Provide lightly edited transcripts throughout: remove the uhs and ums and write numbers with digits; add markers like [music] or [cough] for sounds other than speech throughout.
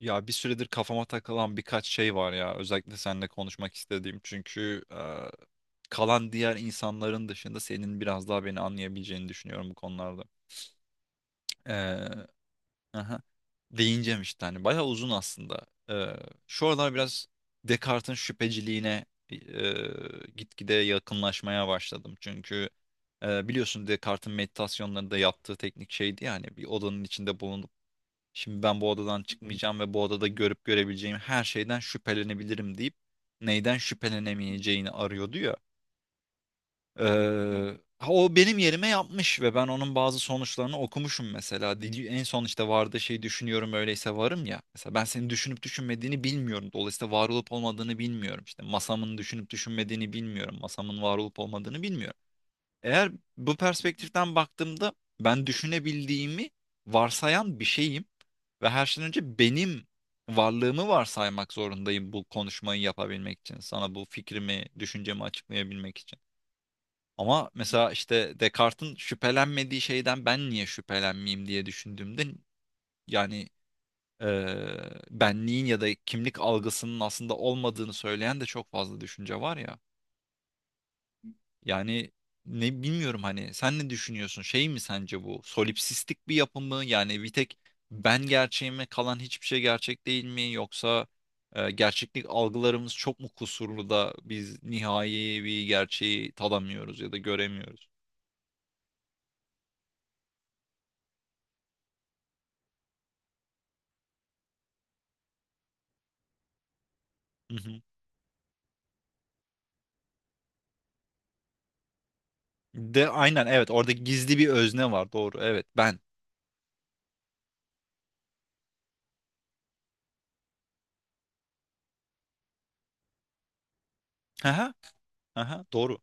Ya bir süredir kafama takılan birkaç şey var ya. Özellikle seninle konuşmak istediğim. Çünkü kalan diğer insanların dışında senin biraz daha beni anlayabileceğini düşünüyorum bu konularda. E, aha, değineceğim işte hani. Bayağı uzun aslında. Şu aralar biraz Descartes'in şüpheciliğine e, gitgide yakınlaşmaya başladım. Çünkü biliyorsun Descartes'in meditasyonlarında yaptığı teknik şeydi, yani bir odanın içinde bulunduğun. Şimdi ben bu odadan çıkmayacağım ve bu odada görüp görebileceğim her şeyden şüphelenebilirim deyip neyden şüphelenemeyeceğini arıyordu ya. Ee, ha, o benim yerime yapmış ve ben onun bazı sonuçlarını okumuşum mesela. Dili, en son işte vardı şey, düşünüyorum öyleyse varım ya. Mesela ben senin düşünüp düşünmediğini bilmiyorum. Dolayısıyla var olup olmadığını bilmiyorum. İşte masamın düşünüp düşünmediğini bilmiyorum. Masamın var olup olmadığını bilmiyorum. Eğer bu perspektiften baktığımda ben düşünebildiğimi varsayan bir şeyim ve her şeyden önce benim varlığımı varsaymak zorundayım bu konuşmayı yapabilmek için. Sana bu fikrimi, düşüncemi açıklayabilmek için. Ama mesela işte Descartes'in şüphelenmediği şeyden ben niye şüphelenmeyeyim diye düşündüğümde, yani eee benliğin ya da kimlik algısının aslında olmadığını söyleyen de çok fazla düşünce var ya. Yani ne bilmiyorum, hani sen ne düşünüyorsun? Şey mi sence bu? Solipsistik bir yapı mı? Yani bir tek ben gerçeğime kalan hiçbir şey gerçek değil mi? Yoksa gerçeklik algılarımız çok mu kusurlu da biz nihai bir gerçeği tadamıyoruz ya da göremiyoruz? Hı hı. De aynen, evet, orada gizli bir özne var, doğru, evet, ben. Aha, aha, doğru.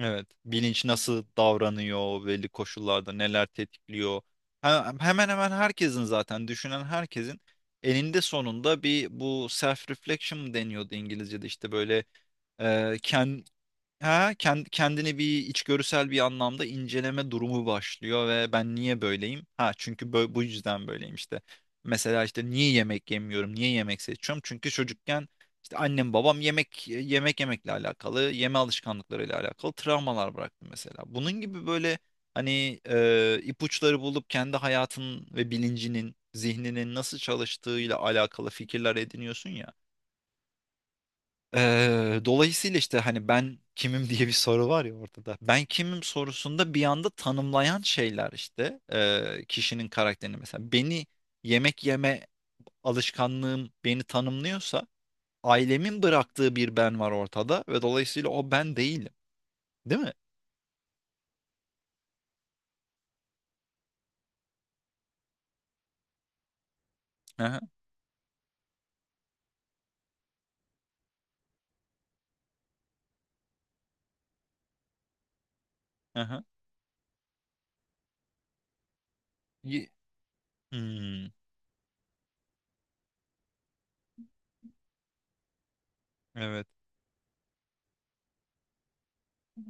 Evet. Bilinç nasıl davranıyor, belli koşullarda neler tetikliyor. He- Hemen hemen herkesin, zaten düşünen herkesin eninde sonunda bir bu self reflection mı deniyordu İngilizce'de, işte böyle. Kendini bir içgörüsel bir anlamda inceleme durumu başlıyor ve ben niye böyleyim? Ha, çünkü bu yüzden böyleyim işte. Mesela işte niye yemek yemiyorum? Niye yemek seçiyorum? Çünkü çocukken işte annem babam yemekle alakalı, yeme alışkanlıklarıyla alakalı travmalar bıraktı mesela. Bunun gibi böyle hani ipuçları bulup kendi hayatın ve bilincinin, zihninin nasıl çalıştığıyla alakalı fikirler ediniyorsun ya. Dolayısıyla işte hani ben kimim [laughs] diye bir soru var ya ortada. Ben kimim sorusunda bir anda tanımlayan şeyler işte kişinin karakterini, mesela beni yemek yeme alışkanlığım beni tanımlıyorsa ailemin bıraktığı bir ben var ortada ve dolayısıyla o ben değilim. Değil mi? Aha, aha. Ye- Hmm, evet. Hı.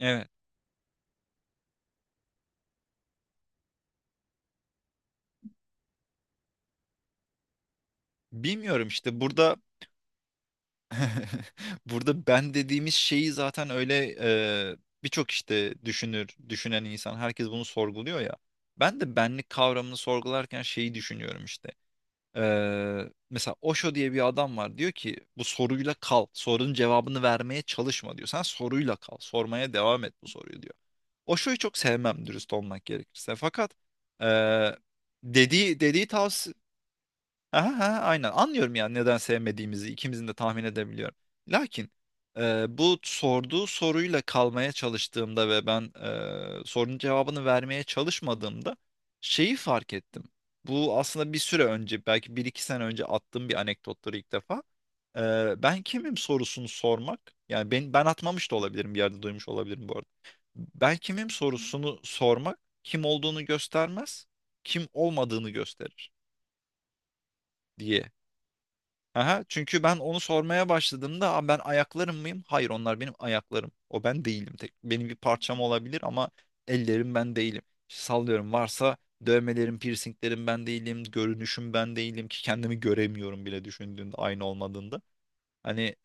Evet. Bilmiyorum işte burada. [laughs] Burada ben dediğimiz şeyi zaten öyle e, birçok işte düşünür, düşünen insan, herkes bunu sorguluyor ya. Ben de benlik kavramını sorgularken şeyi düşünüyorum işte. E, mesela Osho diye bir adam var, diyor ki bu soruyla kal, sorunun cevabını vermeye çalışma diyor. Sen soruyla kal, sormaya devam et bu soruyu diyor. Osho'yu çok sevmem, dürüst olmak gerekirse. Fakat e, dediği tavsiye. Aha, aha, aynen, anlıyorum yani neden sevmediğimizi ikimizin de tahmin edebiliyorum. Lakin bu sorduğu soruyla kalmaya çalıştığımda ve ben sorunun cevabını vermeye çalışmadığımda şeyi fark ettim. Bu aslında bir süre önce, belki bir iki sene önce attığım bir anekdottur ilk defa. Ben kimim sorusunu sormak, yani ben, ben atmamış da olabilirim, bir yerde duymuş olabilirim bu arada. Ben kimim sorusunu sormak kim olduğunu göstermez, kim olmadığını gösterir diye. Aha, çünkü ben onu sormaya başladığımda, "Aa, ben ayaklarım mıyım? Hayır, onlar benim ayaklarım. O ben değilim. Tek, benim bir parçam olabilir ama ellerim ben değilim. İşte sallıyorum, varsa dövmelerim, piercinglerim ben değilim. Görünüşüm ben değilim ki kendimi göremiyorum bile düşündüğünde aynı olmadığında. Hani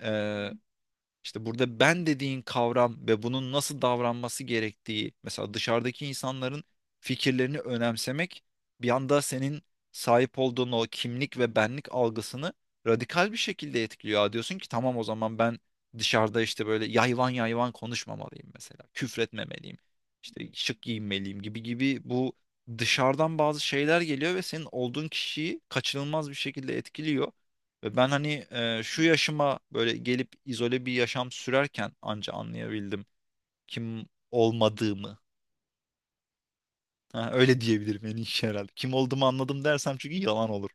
işte burada ben dediğin kavram ve bunun nasıl davranması gerektiği, mesela dışarıdaki insanların fikirlerini önemsemek bir anda senin sahip olduğun o kimlik ve benlik algısını radikal bir şekilde etkiliyor. Aa, diyorsun ki tamam, o zaman ben dışarıda işte böyle yayvan yayvan konuşmamalıyım mesela, küfretmemeliyim, işte şık giyinmeliyim gibi gibi, bu dışarıdan bazı şeyler geliyor ve senin olduğun kişiyi kaçınılmaz bir şekilde etkiliyor. Ve ben hani şu yaşıma böyle gelip izole bir yaşam sürerken anca anlayabildim kim olmadığımı. Ha, öyle diyebilirim en iyi şey herhalde. Kim olduğumu anladım dersem çünkü yalan olur.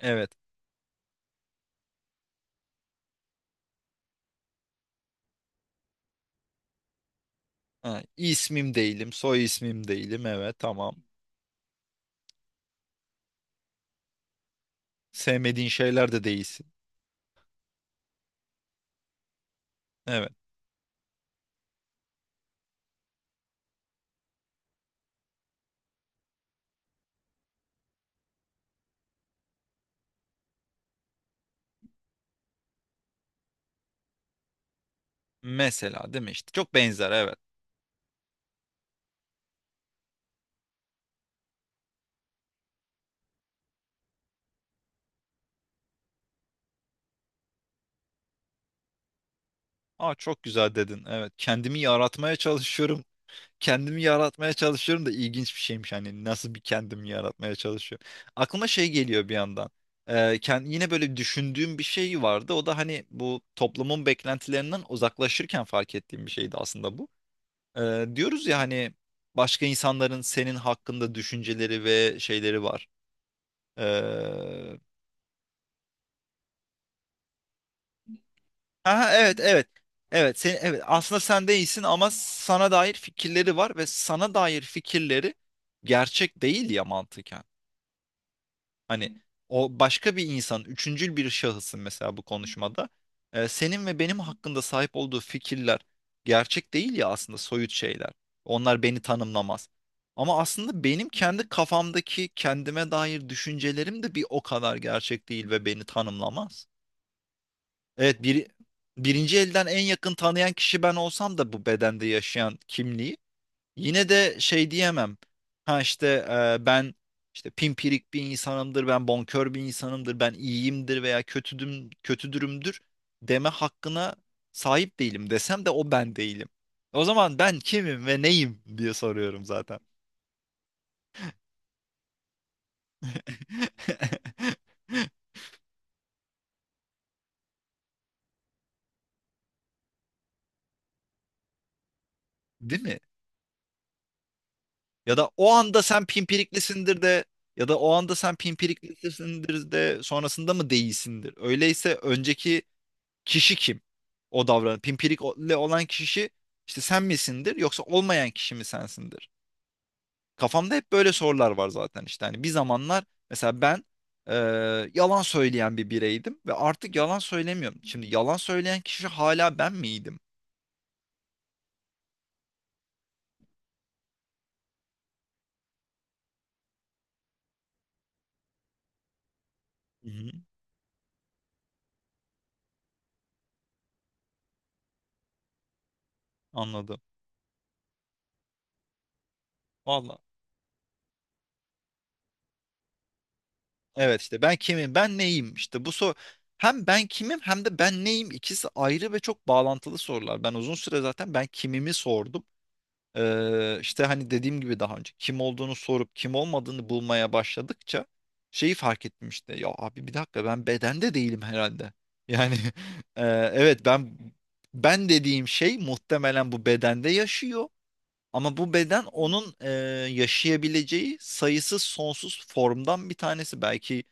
Evet. Ha, ismim değilim, soy ismim değilim. Evet, tamam. Sevmediğin şeyler de değilsin. Evet. Mesela değil mi işte? Çok benzer, evet. Aa, çok güzel dedin. Evet. Kendimi yaratmaya çalışıyorum. Kendimi yaratmaya çalışıyorum da ilginç bir şeymiş, hani nasıl bir kendimi yaratmaya çalışıyorum. Aklıma şey geliyor bir yandan. Ee, yine böyle düşündüğüm bir şey vardı. O da hani bu toplumun beklentilerinden uzaklaşırken fark ettiğim bir şeydi aslında bu. Diyoruz ya hani başka insanların senin hakkında düşünceleri ve şeyleri var. Ee, aha, evet, evet. Evet, sen, evet, aslında sen değilsin ama sana dair fikirleri var ve sana dair fikirleri gerçek değil ya, mantıken. Hani o başka bir insan, üçüncül bir şahısın mesela bu konuşmada. Senin ve benim hakkında sahip olduğu fikirler gerçek değil ya, aslında soyut şeyler. Onlar beni tanımlamaz. Ama aslında benim kendi kafamdaki kendime dair düşüncelerim de bir o kadar gerçek değil ve beni tanımlamaz. Evet, birinci elden en yakın tanıyan kişi ben olsam da bu bedende yaşayan kimliği yine de şey diyemem. Ha işte ben işte pimpirik bir insanımdır, ben bonkör bir insanımdır, ben iyiyimdir veya kötüdüm, kötüdürümdür deme hakkına sahip değilim desem de o ben değilim. O zaman ben kimim ve neyim diye soruyorum zaten. [laughs] Değil mi? Ya da o anda sen pimpiriklisindir de, sonrasında mı değilsindir? Öyleyse önceki kişi kim? O davran. Pimpirikle olan kişi işte sen misindir yoksa olmayan kişi mi sensindir? Kafamda hep böyle sorular var zaten işte. Hani bir zamanlar mesela ben e, yalan söyleyen bir bireydim ve artık yalan söylemiyorum. Şimdi yalan söyleyen kişi hala ben miydim? Hı hı, anladım. Valla. Evet, işte ben kimim, ben neyim? İşte bu soru, hem ben kimim hem de ben neyim, ikisi ayrı ve çok bağlantılı sorular. Ben uzun süre zaten ben kimimi sordum. İşte hani dediğim gibi daha önce kim olduğunu sorup kim olmadığını bulmaya başladıkça şeyi fark ettim işte. Ya abi, bir dakika, ben bedende değilim herhalde. Yani [laughs] e, evet, ben, ben dediğim şey muhtemelen bu bedende yaşıyor. Ama bu beden onun yaşayabileceği sayısız sonsuz formdan bir tanesi. Belki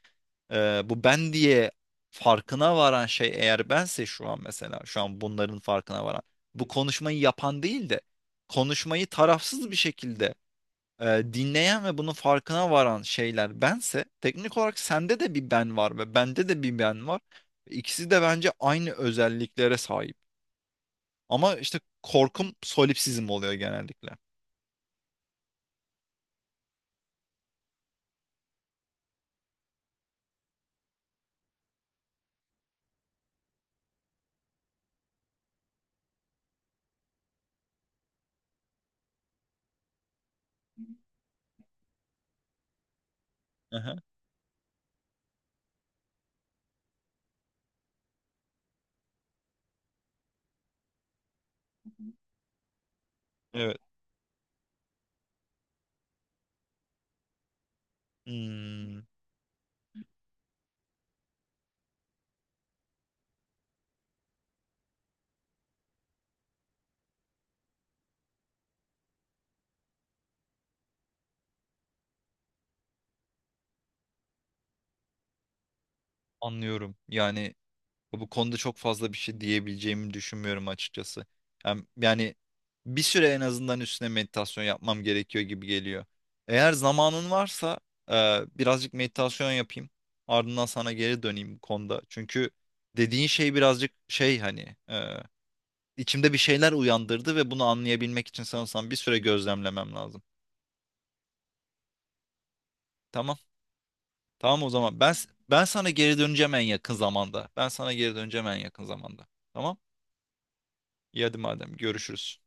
bu ben diye farkına varan şey eğer bense, şu an, mesela şu an bunların farkına varan bu konuşmayı yapan değil de konuşmayı tarafsız bir şekilde dinleyen ve bunun farkına varan şeyler bense, teknik olarak sende de bir ben var ve bende de bir ben var. İkisi de bence aynı özelliklere sahip. Ama işte korkum solipsizm oluyor genellikle. Aha, evet. Hmm, anlıyorum. Yani bu konuda çok fazla bir şey diyebileceğimi düşünmüyorum açıkçası. Yani bir süre en azından üstüne meditasyon yapmam gerekiyor gibi geliyor. Eğer zamanın varsa e, birazcık meditasyon yapayım. Ardından sana geri döneyim bu konuda. Çünkü dediğin şey birazcık şey, hani içimde bir şeyler uyandırdı ve bunu anlayabilmek için sanırsam bir süre gözlemlemem lazım. Tamam. Tamam o zaman. Ben sana geri döneceğim en yakın zamanda. Ben sana geri döneceğim en yakın zamanda. Tamam? İyi, hadi madem, görüşürüz.